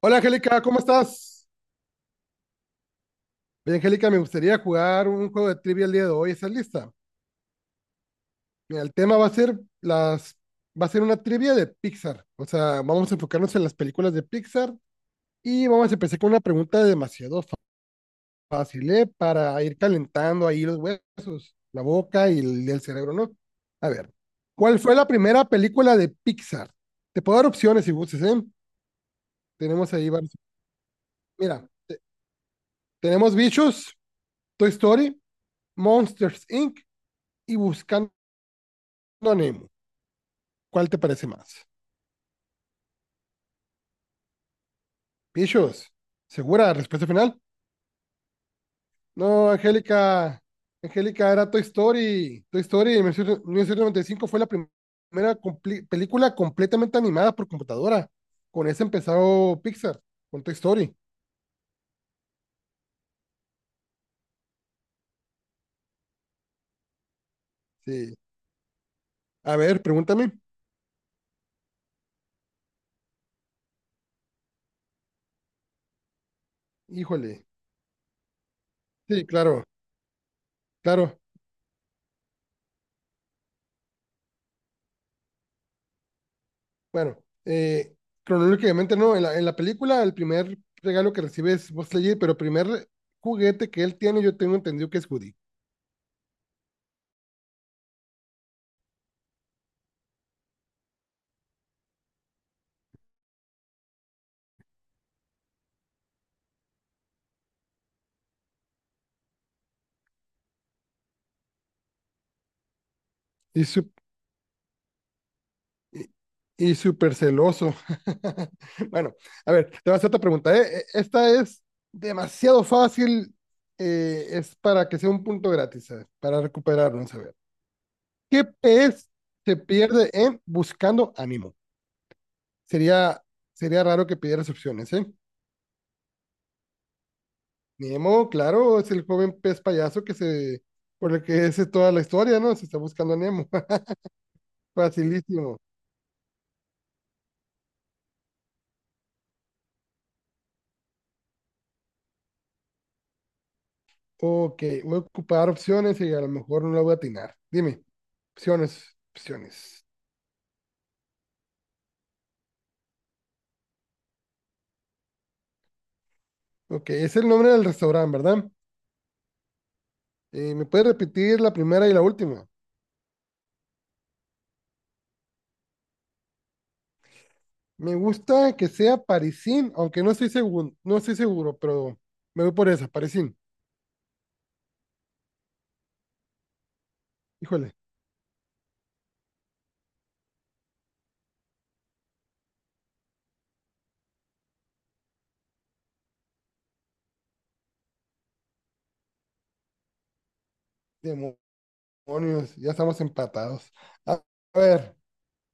Hola Angélica, ¿cómo estás? Bien, Angélica, me gustaría jugar un juego de trivia el día de hoy. ¿Estás lista? Mira, el tema va a ser las, va a ser una trivia de Pixar. O sea, vamos a enfocarnos en las películas de Pixar y vamos a empezar con una pregunta fácil, ¿eh? Para ir calentando ahí los huesos, la boca y el cerebro, ¿no? A ver, ¿cuál fue la primera película de Pixar? Te puedo dar opciones si gustes, ¿eh? Tenemos ahí varias. Mira, te- Tenemos Bichos, Toy Story, Monsters Inc. y Buscando a Nemo. ¿Cuál te parece más? Pichos, ¿segura? ¿Respuesta final? No, Angélica. Angélica, era Toy Story. Toy Story en 1995 fue primera película completamente animada por computadora. Con esa empezó Pixar, con Toy Story. Sí. A ver, pregúntame. Híjole. Sí, claro. Bueno, eh, cronológicamente no. En la película, el primer regalo que recibe es Buzz Lightyear, pero el primer juguete que él tiene, yo tengo entendido que es Woody. Y, sup- y, y súper celoso. Bueno, a ver, te voy a hacer otra pregunta, ¿eh? Esta es demasiado fácil, es para que sea un punto gratis, a ver, para recuperarnos, a ver. ¿Qué pez se pierde en buscando a Nemo? Sería, sería raro que pidieras opciones, ¿eh? Nemo, claro, es el joven pez payaso por el que es toda la historia, ¿no? Se está buscando a Nemo. Facilísimo. Ok, voy a ocupar opciones y a lo mejor no la voy a atinar. Dime. Opciones. Ok, es el nombre del restaurante, ¿verdad? ¿Me puedes repetir la primera y la última? Me gusta que sea Parisín, aunque no estoy seguro, pero me voy por esa, Parisín. Híjole, demonios, ya estamos empatados. A a ver,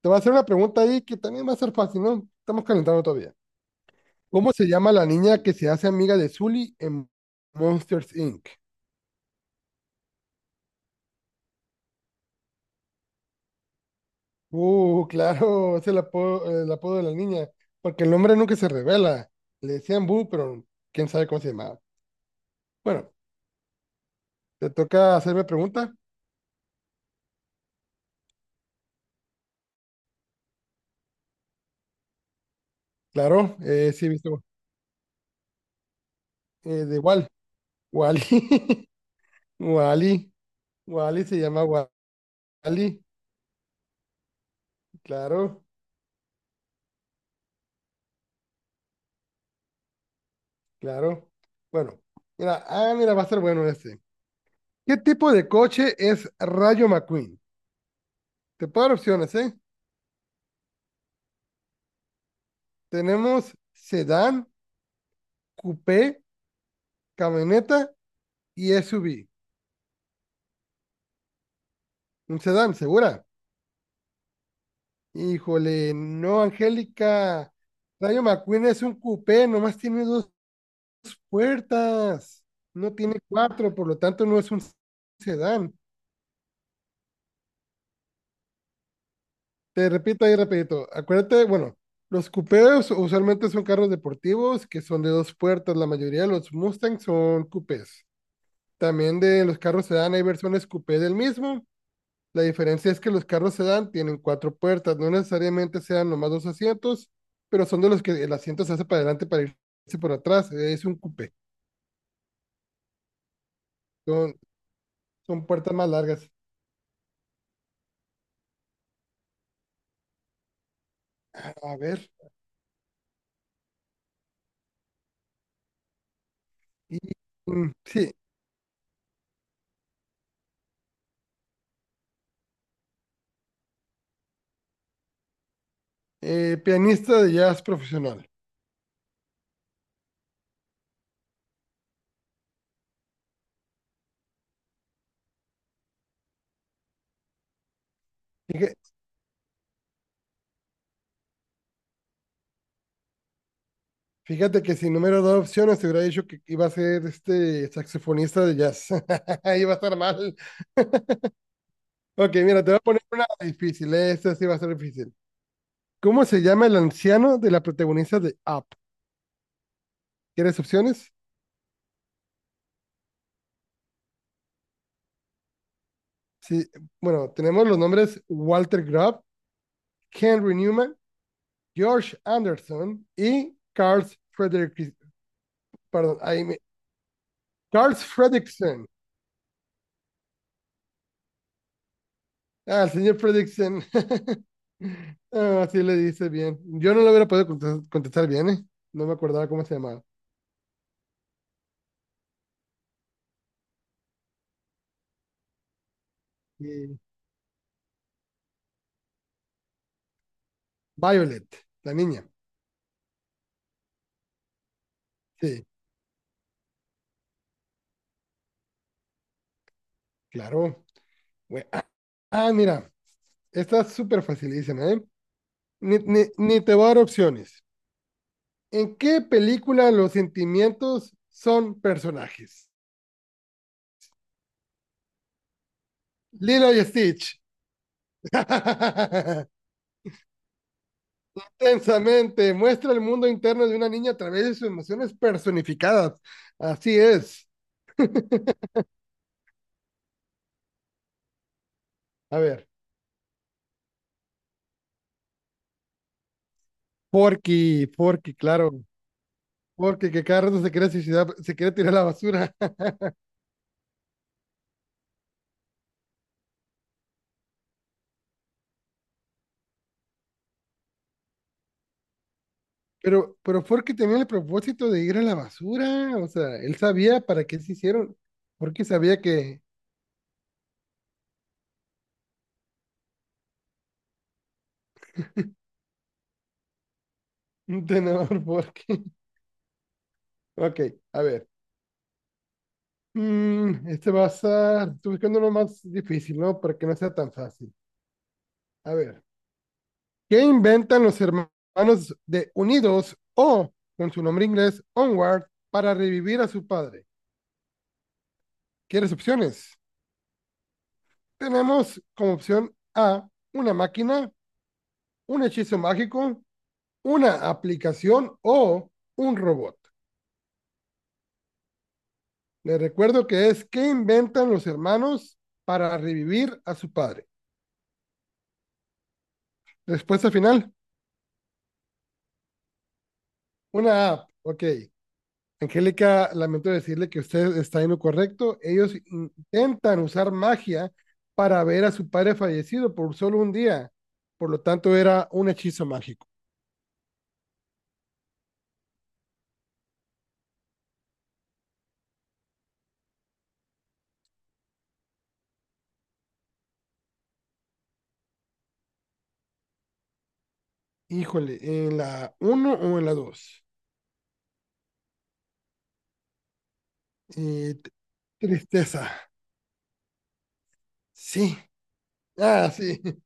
te voy a hacer una pregunta ahí que también va a ser fácil, ¿no? Estamos calentando todavía. ¿Cómo se llama la niña que se hace amiga de Sully en Monsters Inc.? Claro, es el apodo de la niña, porque el nombre nunca se revela. Le decían Bu, pero quién sabe cómo se llamaba. Bueno, ¿te toca hacerme pregunta? Claro, sí, he visto. De Wal, Wally, Wally, Wally se llama Wally, claro, claro. Bueno, mira, va a ser bueno este. ¿Qué tipo de coche es Rayo McQueen? Te puedo dar opciones, ¿eh? Tenemos sedán, coupé, camioneta y SUV. Un sedán, ¿segura? Híjole, no, Angélica. Rayo McQueen es un coupé, nomás tiene dos puertas. No tiene cuatro, por lo tanto no es un sedán. Te repito ahí rapidito. Acuérdate, bueno, los coupés usualmente son carros deportivos que son de dos puertas. La mayoría de los Mustangs son coupés. También de los carros sedán hay versiones coupé del mismo. La diferencia es que los carros sedán tienen cuatro puertas, no necesariamente sean nomás dos asientos, pero son de los que el asiento se hace para adelante para irse por atrás. Es un coupé. Son, son puertas más largas. A ver. Y, sí, pianista de jazz profesional. Fíjate, fíjate que sin número dos opciones te hubiera dicho que iba a ser este saxofonista de jazz. Iba a estar mal. Ok, mira, te voy a poner una difícil. Esta sí va a ser difícil. ¿Cómo se llama el anciano de la protagonista de Up? ¿Quieres opciones? Sí, bueno, tenemos los nombres Walter Grubb, Henry Newman, George Anderson y Carl Fredrick, perdón, Carl Fredrickson. Ah, el señor Fredrickson. Ah, así le dice bien. Yo no lo hubiera podido contestar bien, ¿eh? No me acordaba cómo se llamaba. Y Violet, la niña. Sí, claro. Güey, mira, esta es súper facilísima, ¿eh? Ni te voy a dar opciones. ¿En qué película los sentimientos son personajes? Lilo y Stitch. Tensamente muestra el mundo interno de una niña a través de sus emociones personificadas. Así es. A ver, Porky, claro. Porky, que cada rato se quiere suicidar, se quiere tirar a la basura. Pero Porky tenía el propósito de ir a la basura. O sea, él sabía para qué se hicieron. Porky sabía que... Tenedor Porky. Ok, a ver. Estoy buscando uno más difícil, ¿no? Para que no sea tan fácil. A ver, ¿qué inventan los hermanos de Unidos o, con su nombre inglés, Onward, para revivir a su padre? ¿Quieres opciones? Tenemos como opción A, una máquina, un hechizo mágico, una aplicación o un robot. Les recuerdo que es, ¿qué inventan los hermanos para revivir a su padre? Respuesta final, una app, ok. Angélica, lamento decirle que usted está en lo correcto. Ellos intentan usar magia para ver a su padre fallecido por solo un día. Por lo tanto, era un hechizo mágico. Híjole, ¿en la uno o en la 2? Tristeza. Sí. Ah, sí.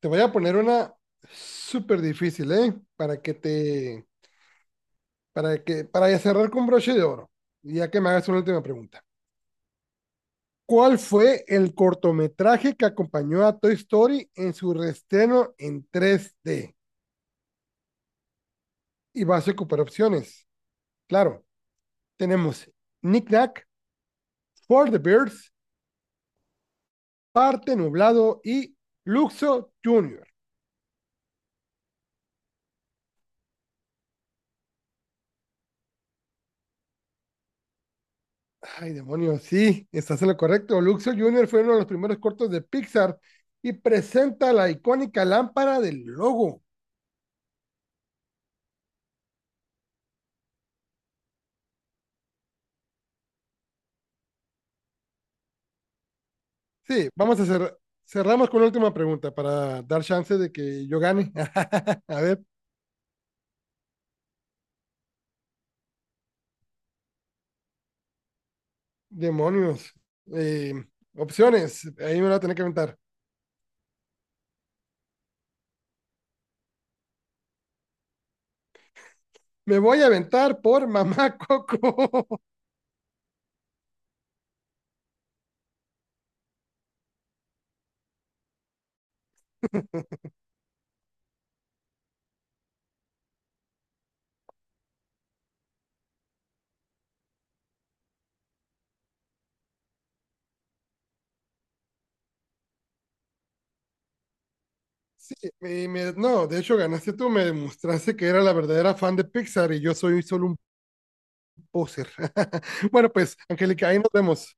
Te voy a poner una súper difícil, ¿eh? Para que, para cerrar con broche de oro, ya que me hagas una última pregunta. ¿Cuál fue el cortometraje que acompañó a Toy Story en su reestreno en 3D? Y vas a ocupar opciones. Claro, tenemos Nick Nack, For the Birds, Parte Nublado y Luxo Junior. Ay, demonios, sí, estás en lo correcto. Luxo Junior fue uno de los primeros cortos de Pixar y presenta la icónica lámpara del logo. Sí, vamos a cerrar. Cerramos con la última pregunta para dar chance de que yo gane. A ver. Demonios. Eh, opciones. Ahí me voy a tener que aventar. Me voy a aventar por Mamá Coco. Sí, no, de hecho ganaste tú, me demostraste que era la verdadera fan de Pixar y yo soy solo un poser. Bueno, pues, Angélica, ahí nos vemos.